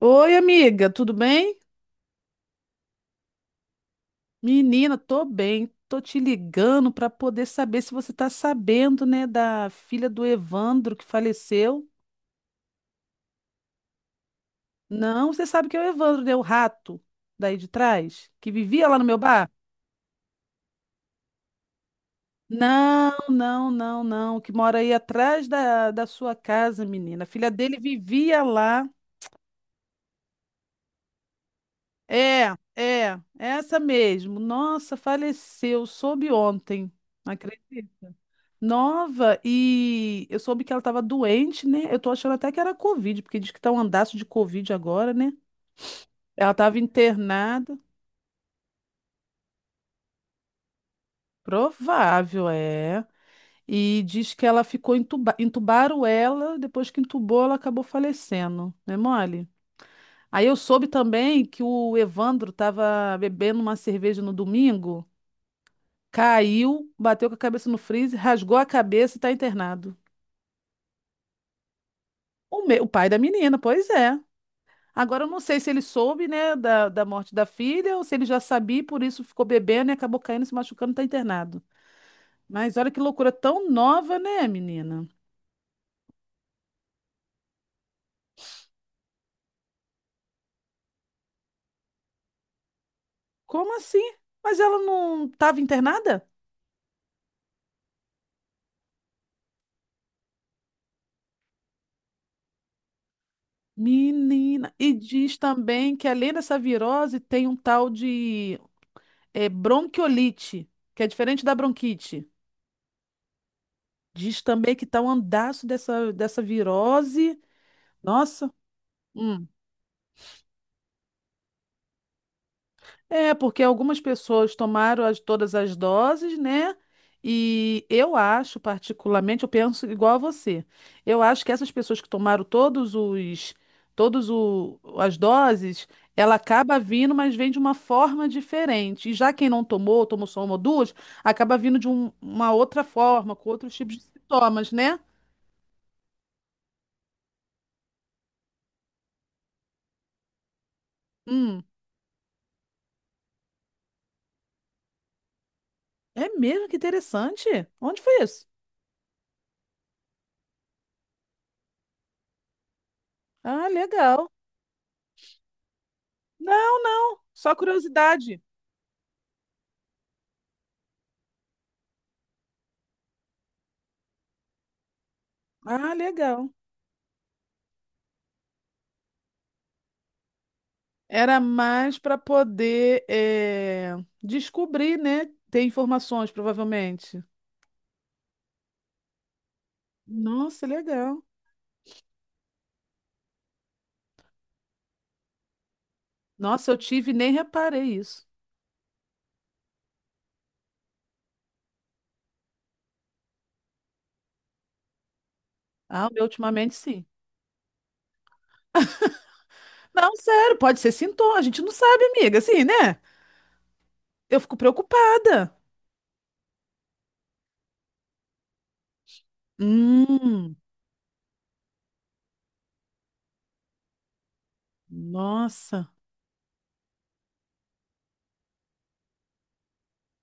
Oi, amiga, tudo bem? Menina, tô bem. Tô te ligando para poder saber se você tá sabendo, né, da filha do Evandro que faleceu. Não, você sabe que é o Evandro, né, o rato daí de trás, que vivia lá no meu bar? Não, não, não, não, que mora aí atrás da sua casa, menina. A filha dele vivia lá. É, essa mesmo. Nossa, faleceu, soube ontem. Acredita? Nova, e eu soube que ela estava doente, né? Eu tô achando até que era Covid, porque diz que tá um andaço de Covid agora, né? Ela estava internada, provável, é. E diz que ela ficou entubaram ela, depois que entubou, ela acabou falecendo, né, mole? Aí eu soube também que o Evandro estava bebendo uma cerveja no domingo, caiu, bateu com a cabeça no freezer, rasgou a cabeça e tá internado. O pai da menina, pois é. Agora eu não sei se ele soube, né, da morte da filha ou se ele já sabia e por isso ficou bebendo e acabou caindo, se machucando, tá internado. Mas olha que loucura tão nova, né, menina? Como assim? Mas ela não estava internada? Menina, e diz também que além dessa virose tem um tal de bronquiolite, que é diferente da bronquite. Diz também que tá um andaço dessa virose. Nossa. Hum. É, porque algumas pessoas tomaram todas as doses, né? E eu acho, particularmente, eu penso igual a você. Eu acho que essas pessoas que tomaram todos as doses, ela acaba vindo, mas vem de uma forma diferente. E já quem não tomou, tomou só uma ou duas, acaba vindo de uma outra forma, com outros tipos de sintomas, né? Hum, é mesmo, que interessante. Onde foi isso? Ah, legal. Não, só curiosidade. Ah, legal. Era mais para poder descobrir, né? Ter informações, provavelmente. Nossa, legal. Nossa, eu tive e nem reparei isso. Ah, o meu ultimamente sim. Não, sério, pode ser sintoma. A gente não sabe, amiga, assim, né? Eu fico preocupada. Hum, nossa,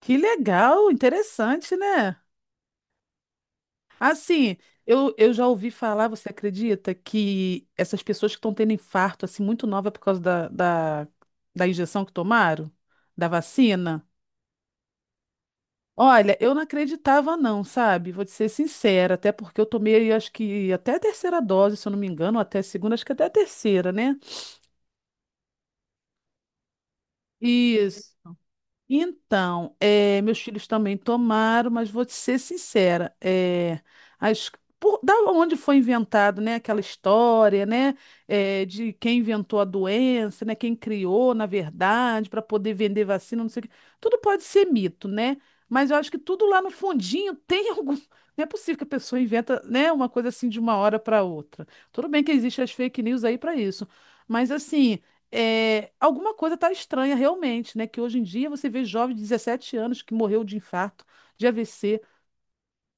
que legal, interessante, né? Assim, eu já ouvi falar, você acredita, que essas pessoas que estão tendo infarto, assim, muito nova por causa da injeção que tomaram, da vacina? Olha, eu não acreditava, não, sabe? Vou te ser sincera, até porque eu tomei, acho que até a terceira dose, se eu não me engano, ou até a segunda, acho que até a terceira, né? Isso. Então, meus filhos também tomaram, mas vou te ser sincera, as- da onde foi inventado, né, aquela história, né, de quem inventou a doença, né, quem criou, na verdade, para poder vender vacina, não sei o quê, tudo pode ser mito, né? Mas eu acho que tudo lá no fundinho tem algum. Não é possível que a pessoa inventa, né, uma coisa assim de uma hora para outra. Tudo bem que existem as fake news aí para isso, mas assim é, alguma coisa está estranha realmente, né? Que hoje em dia você vê jovens de 17 anos que morreu de infarto, de AVC.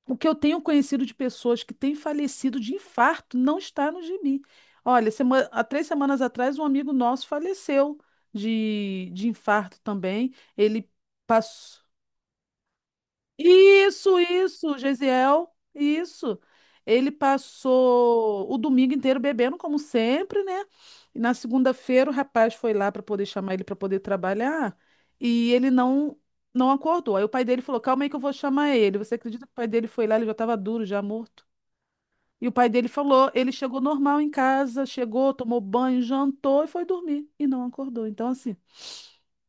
O que eu tenho conhecido de pessoas que têm falecido de infarto não está no gibi. Olha, há três semanas atrás, um amigo nosso faleceu de infarto também. Ele passou. Isso, Gesiel, isso. Ele passou o domingo inteiro bebendo, como sempre, né? E na segunda-feira o rapaz foi lá para poder chamar ele para poder trabalhar e ele não acordou. Aí o pai dele falou: "Calma aí que eu vou chamar ele". Você acredita que o pai dele foi lá, ele já estava duro, já morto. E o pai dele falou, ele chegou normal em casa, chegou, tomou banho, jantou e foi dormir e não acordou. Então, assim,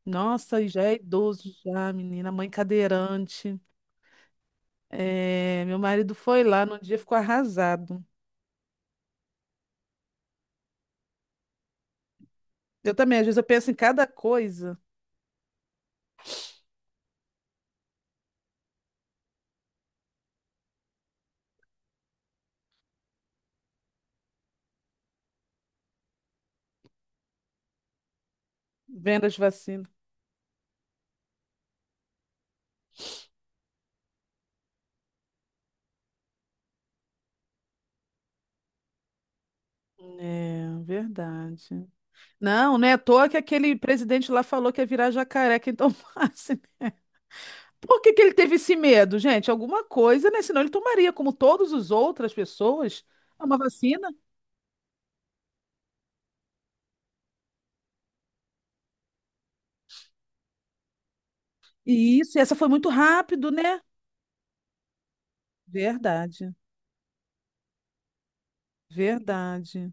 nossa, e já é idoso já, menina, mãe cadeirante. É, meu marido foi lá no dia, ficou arrasado. Eu também, às vezes eu penso em cada coisa, vendo as vacinas. É, verdade. Não, não é à toa que aquele presidente lá falou que ia virar jacaré quem tomasse. Por que que ele teve esse medo, gente? Alguma coisa, né? Senão ele tomaria, como todas as outras pessoas, uma vacina. E isso, e essa foi muito rápido, né? Verdade, verdade.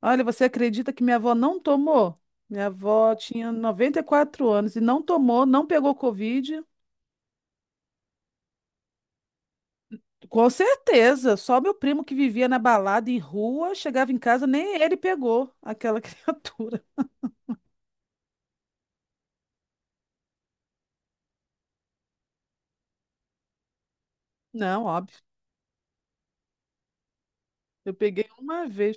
Olha, você acredita que minha avó não tomou? Minha avó tinha 94 anos e não tomou, não pegou Covid. Com certeza, só meu primo que vivia na balada em rua, chegava em casa, nem ele pegou aquela criatura. Não, óbvio. Eu peguei uma vez.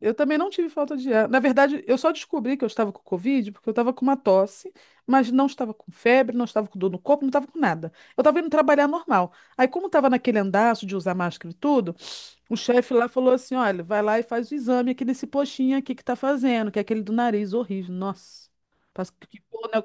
Eu também não tive falta de ar. Na verdade, eu só descobri que eu estava com Covid porque eu estava com uma tosse, mas não estava com febre, não estava com dor no corpo, não estava com nada. Eu estava indo trabalhar normal. Aí, como estava naquele andaço de usar máscara e tudo, o chefe lá falou assim: olha, vai lá e faz o exame aqui nesse postinho aqui que tá fazendo, que é aquele do nariz horrível. Nossa, parece que enfiou, né?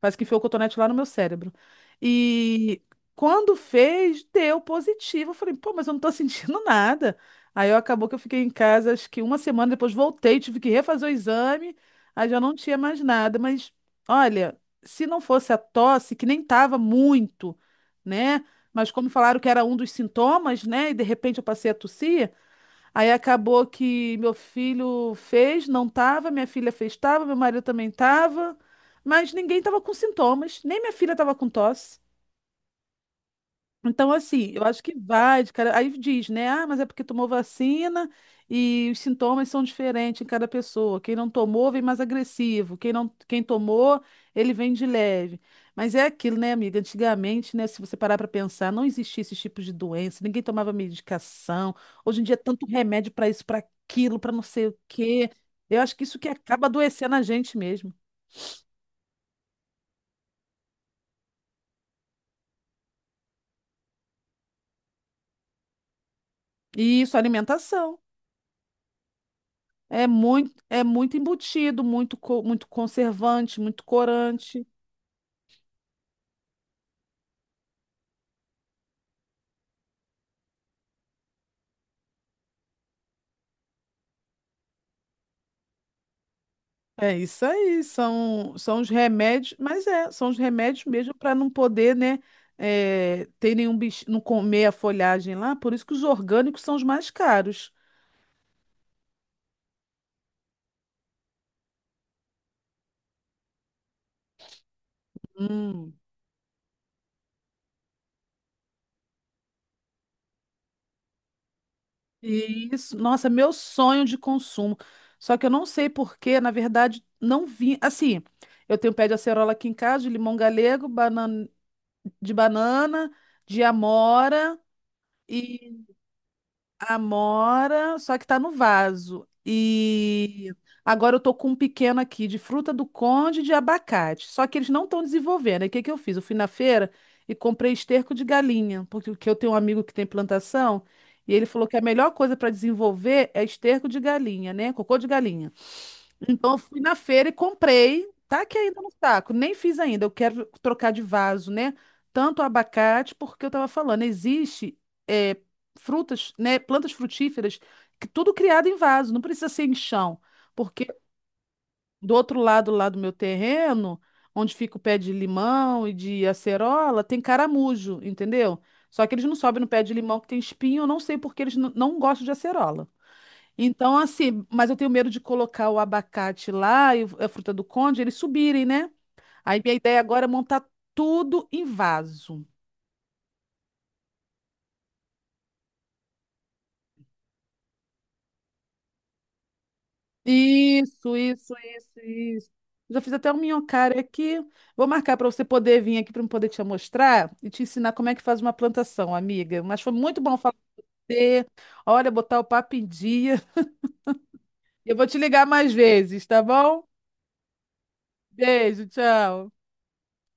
Parece que enfiou o cotonete lá no meu cérebro. E quando fez, deu positivo. Eu falei: pô, mas eu não tô sentindo nada. Aí eu, acabou que eu fiquei em casa, acho que uma semana depois voltei, tive que refazer o exame, aí já não tinha mais nada. Mas olha, se não fosse a tosse, que nem tava muito, né? Mas como falaram que era um dos sintomas, né? E de repente eu passei a tossir, aí acabou que meu filho fez, não tava, minha filha fez, tava, meu marido também tava, mas ninguém tava com sintomas, nem minha filha tava com tosse. Então, assim, eu acho que vai, de cara. Aí diz, né? Ah, mas é porque tomou vacina e os sintomas são diferentes em cada pessoa. Quem não tomou vem mais agressivo. Quem não, quem tomou, ele vem de leve. Mas é aquilo, né, amiga? Antigamente, né, se você parar para pensar, não existia esse tipo de doença, ninguém tomava medicação. Hoje em dia, é tanto remédio para isso, para aquilo, para não sei o quê. Eu acho que isso que acaba adoecendo a gente mesmo. E isso, alimentação. É muito embutido, muito, muito conservante, muito corante. É isso aí, são, são os remédios, mas é, são os remédios mesmo para não poder, né, é, ter nenhum bicho, não comer a folhagem lá, por isso que os orgânicos são os mais caros. Hum. Isso, nossa, meu sonho de consumo. Só que eu não sei porquê, na verdade, não vi. Assim, eu tenho pé de acerola aqui em casa, de limão galego, banana, de banana, de amora. Amora, só que tá no vaso. E agora eu tô com um pequeno aqui de fruta do conde e de abacate. Só que eles não estão desenvolvendo. Aí o que que eu fiz? Eu fui na feira e comprei esterco de galinha, porque o que eu tenho um amigo que tem plantação e ele falou que a melhor coisa para desenvolver é esterco de galinha, né? Cocô de galinha. Então, eu fui na feira e comprei. Tá aqui ainda no saco. Nem fiz ainda. Eu quero trocar de vaso, né? Tanto abacate, porque eu tava falando, existe é, frutas, né? Plantas frutíferas, que tudo criado em vaso, não precisa ser em chão. Porque do outro lado lá do meu terreno, onde fica o pé de limão e de acerola, tem caramujo, entendeu? Só que eles não sobem no pé de limão que tem espinho, eu não sei porque eles não gostam de acerola. Então, assim, mas eu tenho medo de colocar o abacate lá e a fruta do conde, eles subirem, né? Aí minha ideia agora é montar tudo em vaso. Isso, isso, isso, isso. Já fiz até um minhocário aqui. Vou marcar para você poder vir aqui para eu poder te mostrar e te ensinar como é que faz uma plantação, amiga. Mas foi muito bom falar com você. Olha, botar o papo em dia. Eu vou te ligar mais vezes, tá bom? Beijo, tchau.